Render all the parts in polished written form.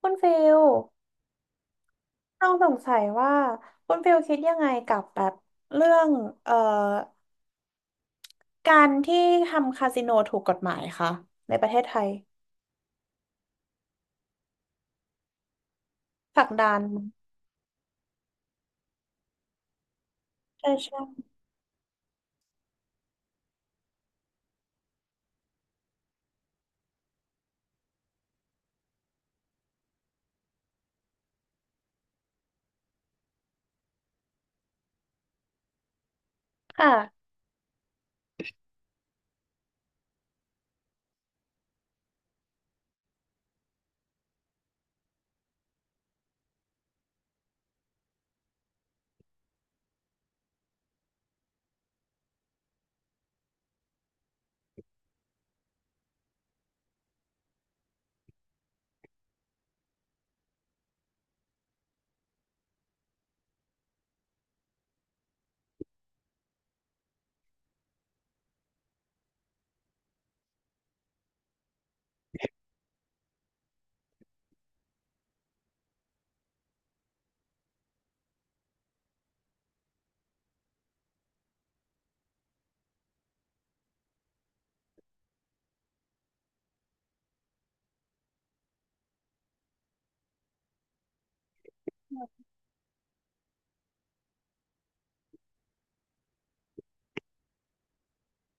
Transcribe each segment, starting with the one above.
คุณฟิลต้องสงสัยว่าคุณฟิลคิดยังไงกับแบบเรื่อง เอ่อ การที่ทำคาสิโนถูกกฎหมายคะในประเทศไทยศักดานใช่ใช่ค่ะ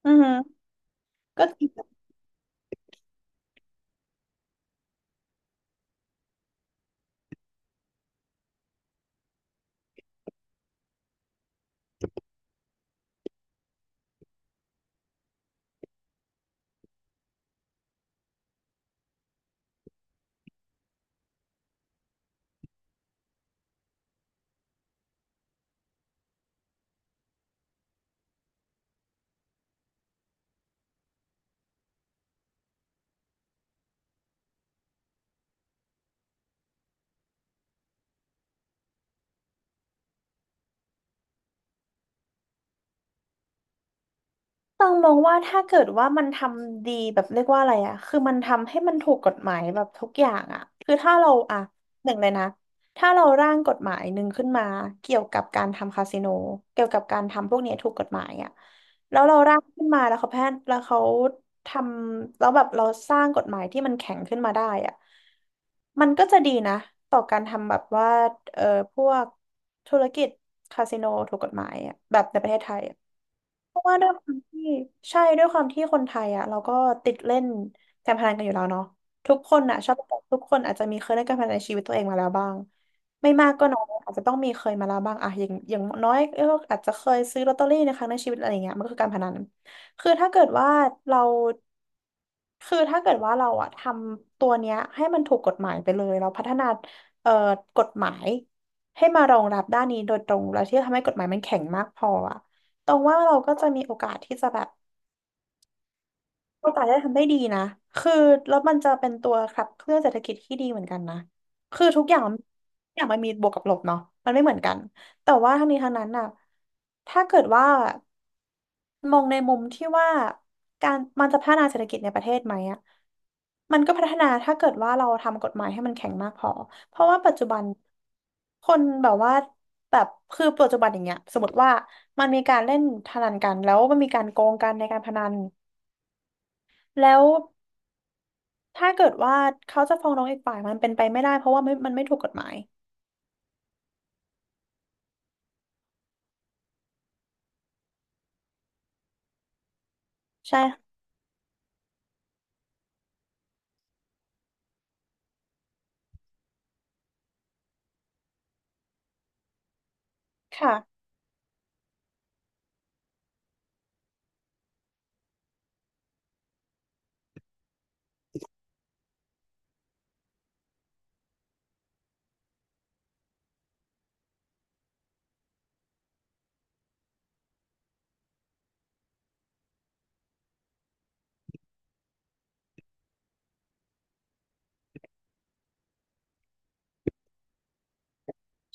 อือฮึก็ ต้องมองว่าถ้าเกิดว่ามันทำดีแบบเรียกว่าอะไรอะคือมันทำให้มันถูกกฎหมายแบบทุกอย่างอะคือถ้าเราอะหนึ่งเลยนะถ้าเราร่างกฎหมายหนึ่งขึ้นมาเกี่ยวกับการทำคาสิโนเกี่ยวกับการทำพวกเนี้ยถูกกฎหมายอะแล้วเราร่างขึ้นมาแล้วเขาแพทย์แล้วเขาทำแล้วแบบเราสร้างกฎหมายที่มันแข็งขึ้นมาได้อะมันก็จะดีนะต่อการทำแบบว่าเออพวกธุรกิจคาสิโนถูกกฎหมายอะแบบในประเทศไทยอะ ราะว่าด้วยความที่ใช่ด้วยความที่คนไทยอ่ะเราก็ติดเล่นการพนันกันอยู่แล้วเนาะทุกคนอ่ะชอบทุกคนอาจจะมีเคยเล่นการพนันในชีวิตตัวเองมาแล้วบ้างไม่มากก็น้อยอาจจะต้องมีเคยมาแล้วบ้างอะอย่างอย่างน้อยก็อาจจะเคยซื้อลอตเตอรี่ในครั้งในชีวิตอะไรอย่างเงี้ยมันก็คือการพนันคือถ้าเกิดว่าเราคือถ้าเกิดว่าเราอะทำตัวเนี้ยให้มันถูกกฎหมายไปเลยเราพัฒนาเอ่อกฎหมายให้มารองรับด้านนี้โดยตรงแล้วที่จะทำให้กฎหมายมันแข็งมากพออะ ตรงว่าเราก็จะมีโอกาสที่จะแบบ ก็ตายได้ทำได้ดีนะคือแล้วมันจะเป็นตัวขับเคลื่อนเศรษฐกิจที่ดีเหมือนกันนะคือทุกอย่างมันมีบวกกับลบเนาะมันไม่เหมือนกันแต่ว่าทั้งนี้ทั้งนั้นน่ะถ้าเกิดว่ามองในมุมที่ว่าการมันจะพัฒนาเศรษฐกิจในประเทศไหมอะมันก็พัฒนาถ้าเกิดว่าเราทำกฎหมายให้มันแข็งมากพอเพราะว่าปัจจุบันคนแบบว่าแบบคือปัจจุบันอย่างเงี้ยสมมติว่ามันมีการเล่นพนันกันแล้วมันมีการโกงกันในการพนันแล้ว ถ้าเกิดว่าเขาจะฟ้องร้องอีกฝ่ายมันเป็นไปไม่ได้เพราะว่าไม่มันไม่ถูกกฎหมายใช่ค่ะ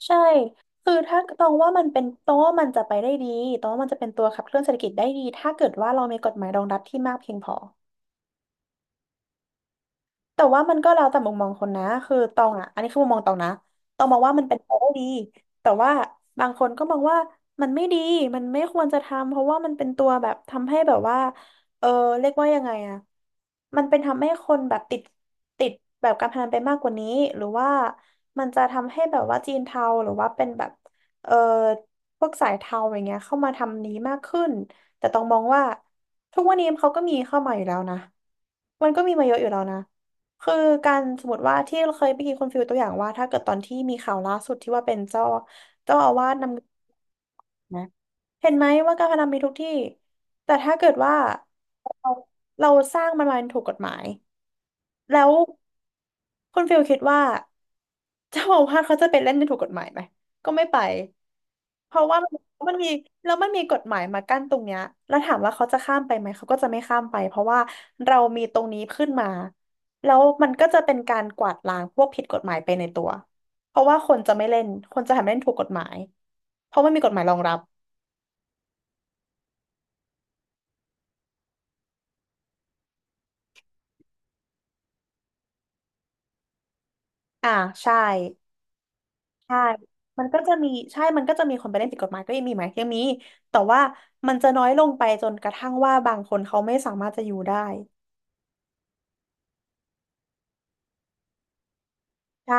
ใช่คือถ้าตองว่ามันเป็นตองว่ามันจะไปได้ดีตองว่ามันจะเป็นตัวขับเคลื่อนเศรษฐกิจได้ดีถ้าเกิดว่าเรามีกฎหมายรองรับที่มากเพียงพอ แต่ว่ามันก็แล้วแต่มุมมองคนนะคือตองอ่ะอันนี้คือมุมมองตองนะตองมองว่ามันเป็นไปได้ดีแต่ว่าบางคนก็มองว่ามันไม่ดีมันไม่ควรจะทำเพราะว่ามันเป็นตัวแบบทำให้แบบว่าเออเรียกว่ายังไงอ่ะมันเป็นทำให้คนแบบติดติดแบบการพนันไปมากกว่านี้หรือว่ามันจะทำให้แบบว่าจีนเทาหรือว่าเป็นแบบเออพวกสายเทาอย่างเงี้ยเข้ามาทำนี้มากขึ้นแต่ต้องมองว่าทุกวันนี้เขาก็มีเข้ามาอยู่แล้วนะมันก็มีมาเยอะอยู่แล้วนะ คือการสมมติว่าที่เราเคยไปกีดคุณฟิลตัวอย่างว่าถ้าเกิดตอนที่มีข่าวล่าสุดที่ว่าเป็นเจ้าอาวาสนำนะเห็นไหมว่าการพนันมีทุกที่แต่ถ้าเกิดว่าเราเราสร้างมันมาเป็นถูกกฎหมาย แล้วคุณฟิลคิดว่าเจ้าอาวาสเขาจะไปเล่นในถูกกฎหมายไหมก็ไม่ไปเพราะว่ามันมีแล้วมันมีกฎหมายมากั้นตรงเนี้ยแล้วถามว่าเขาจะข้ามไปไหมเขาก็จะไม่ข้ามไปเพราะว่าเรามีตรงนี้ขึ้นมาแล้วมันก็จะเป็นการกวาดล้างพวกผิดกฎหมายไปในตัวเพราะว่าคนจะไม่เล่นคนจะทำเล่นถูกกฎหมายเพราะมันมีกฎหมายรองรับอ่าใช่ ใช่มันก็จะมีใช่มันก็จะมีคนไปเล่นผิดกฎหมายก็ยังมีไหมยังมีแต่ว่ามันจะน้อยลงไปจนกระทั่งว่าบางคนเขาไม่สามารถจะอยู่ได้ ใช่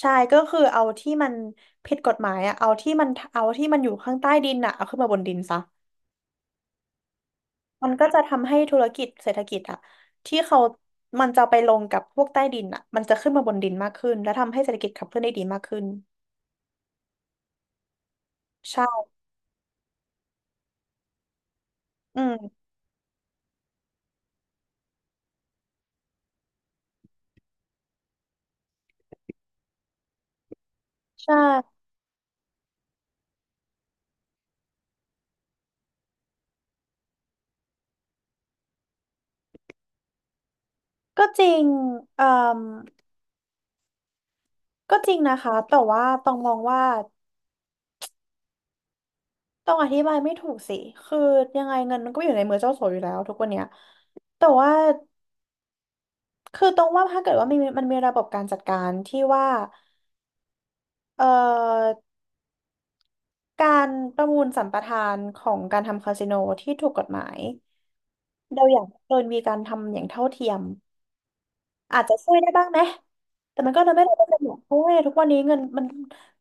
ใช่ก็คือเอาที่มันผิดกฎหมายอะเอาที่มันเอาที่มันอยู่ข้างใต้ดินอะเอาขึ้นมาบนดินซะมันก็จะทำให้ธุรกิจเศรษฐกิจอะที่เขามันจะไปลงกับพวกใต้ดินอะมันจะขึ้นมาบนดินมากขึ้นและทำให้เศรษฐกิจขับเคลื่อนได้ดีมากขึ้นใช่อืมใช่ก็จริงเอ่อ ก็จริงนะคะแต่ว่าต้องมองว่าต้องอธิบายไม่ถูกสิคือยังไงเงินมันก็อยู่ในมือเจ้าสัวอยู่แล้วทุกวันเนี้ยแต่ว่าคือต้องว่าถ้าเกิดว่ามีมันมีระบบการจัดการที่ว่าเอ่อการประมูลสัมปทานของการทำคาสิโนที่ถูกกฎหมายเราอยากเกินมีการทำอย่างเท่าเทียมอาจจะช่วยได้บ้างไหมแต่มันก็เลยไม่ได้เป็นหรอกเพราะว่าทุกวันนี้เงินมัน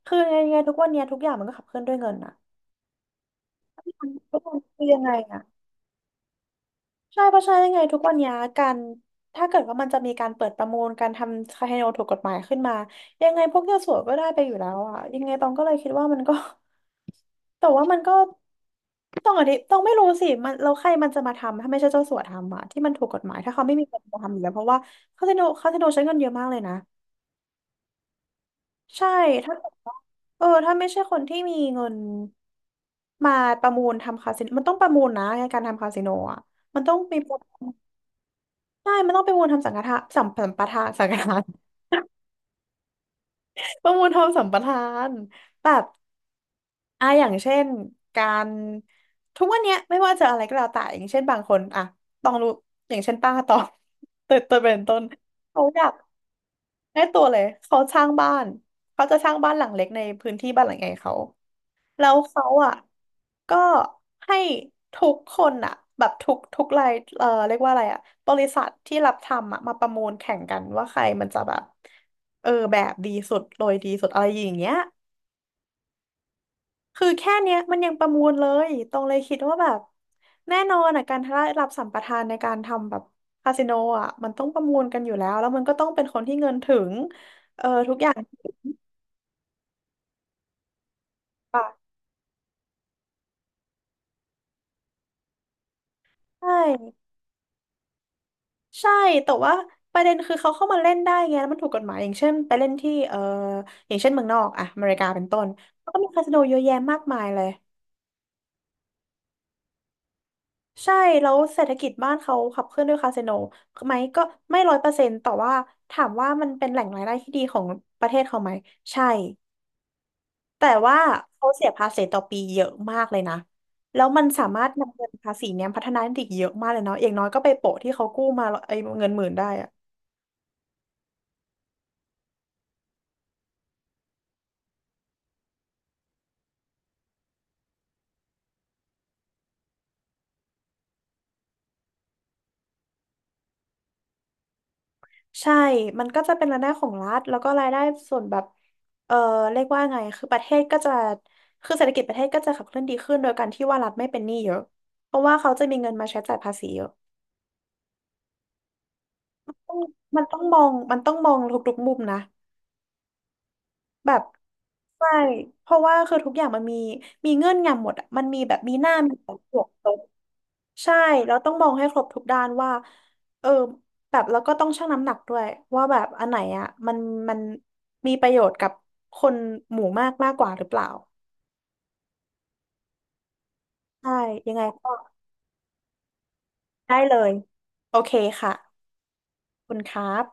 คือยังไงทุกวันเนี้ยทุกอย่างมันก็ขับเคลื่อนด้วยเงินอะทุกวันคือยังไงอะ ใช่เพราะฉะนั้นยังไงทุกวันเนี้ยการถ้าเกิดว่ามันจะมีการเปิดประมูลการทำคาสิโนถูกกฎหมายขึ้นมายังไงพวกเจ้าสัวก็ได้ไปอยู่แล้วอ่ะยังไงตองก็เลยคิดว่ามันก็ แต่ว่ามันก็ต้องอธิต้องไม่รู้สิมันเราใครมันจะมาทำถ้าไม่ใช่เจ้าสัวทำอ่ะที่มันถูกกฎหมายถ้าเขาไม่มีคนมาทำอยู่แล้วเพราะว่าคาสิโนใช้เงินเยอะมากเลยนะใช่ถ้าเกิดว่าเออถ้าไม่ใช่คนที่มีเงินมาประมูลทำคาสิโนมันต้องประมูลนะในการทำคาสิโนอ่ะมันต้องมี ใช่มันต้องไประมูลทำสังฆทานสัมปทานสังฆทาน ประมูลทำสัมปทานแบบอ่ะอย่างเช่นการทุกวันเนี้ยไม่ว่าจะอะไรก็แล้วแต่อย่างเช่นบางคนอ่ะต้องรู้อย่างเช่นป้าตอง เติร์เป็นต้นเขาอยากได้ตัวเลยเขาสร้างบ้านเขาจะสร้างบ้านหลังเล็กในพื้นที่บ้านหลังใหญ่เขา แล้วเขาอ่ะก็ให้ทุกคนอ่ะแบบทุกรายเรียกว่าอะไรอ่ะบริษัทที่รับทำอ่ะมาประมูลแข่งกันว่าใครมันจะแบบเออแบบดีสุดโรยดีสุดอะไรอย่างเงี้ยคือแค่เนี้ยมันยังประมูลเลยตรงเลยคิดว่าแบบแน่นอนอ่ะการได้รับสัมปทานในการทำแบบคาสิโนอ่ะมันต้องประมูลกันอยู่แล้วแล้วมันก็ต้องเป็นคนที่เงินถึงป่ะใช่ ใช่แต่ว่าประเด็นคือเขาเข้ามาเล่นได้ไงแล้วมันถูกกฎหมายอย่างเช่นไปเล่นที่อย่างเช่นเมืองนอกอะอเมริกาเป็นต้นเขาก็มีคาสิโนเยอะแยะมากมายเลยใช่แล้วเศรษฐกิจบ้านเขาขับเคลื่อนด้วยคาสิโนไหมก็ไม่ร้อยเปอร์เซ็นต์แต่ว่าถามว่ามันเป็นแหล่งรายได้ที่ดีของประเทศเขาไหมใช่แต่ว่าเขาเสียภาษีต่อปีเยอะมากเลยนะแล้วมันสามารถนำเงินภาษีเนี้ยพัฒนาได้อีกเยอะมากเลยเนาะอย่างน้อยก็ไปโปะที่เขากู้มาไอ้เงินหมื่นได้อะ ใช่มันก็จะเป็นรายได้ของรัฐ แล้วก็รายได้ส่วนแบบเออเรียกว่าไงคือประเทศก็จะคือเศรษฐกิจประเทศก็จะขับเคลื่อนดีขึ้นโดยการที่ว่ารัฐไม่เป็นหนี้เยอะเพราะว่าเขาจะมีเงินมาใช้จ่ายภาษีเยอะมันต้องมองมันต้องมองทุกๆมุมนะแบบใช่เพราะว่าคือทุกอย่างมันมีมีเงื่อนงำหมดอะมันมีแบบมีหน้ามีหลังบวก ใช่แล้วต้องมองให้ครบทุกด้านว่าเออแบบแล้วก็ต้องชั่งน้ำหนักด้วยว่าแบบอันไหนอ่ะมันมันมีประโยชน์กับคนหมู่มากมากกว่าหรือเปล่าใช่ยังไงก็ได้เลยโอเคค่ะขอบคุณครับ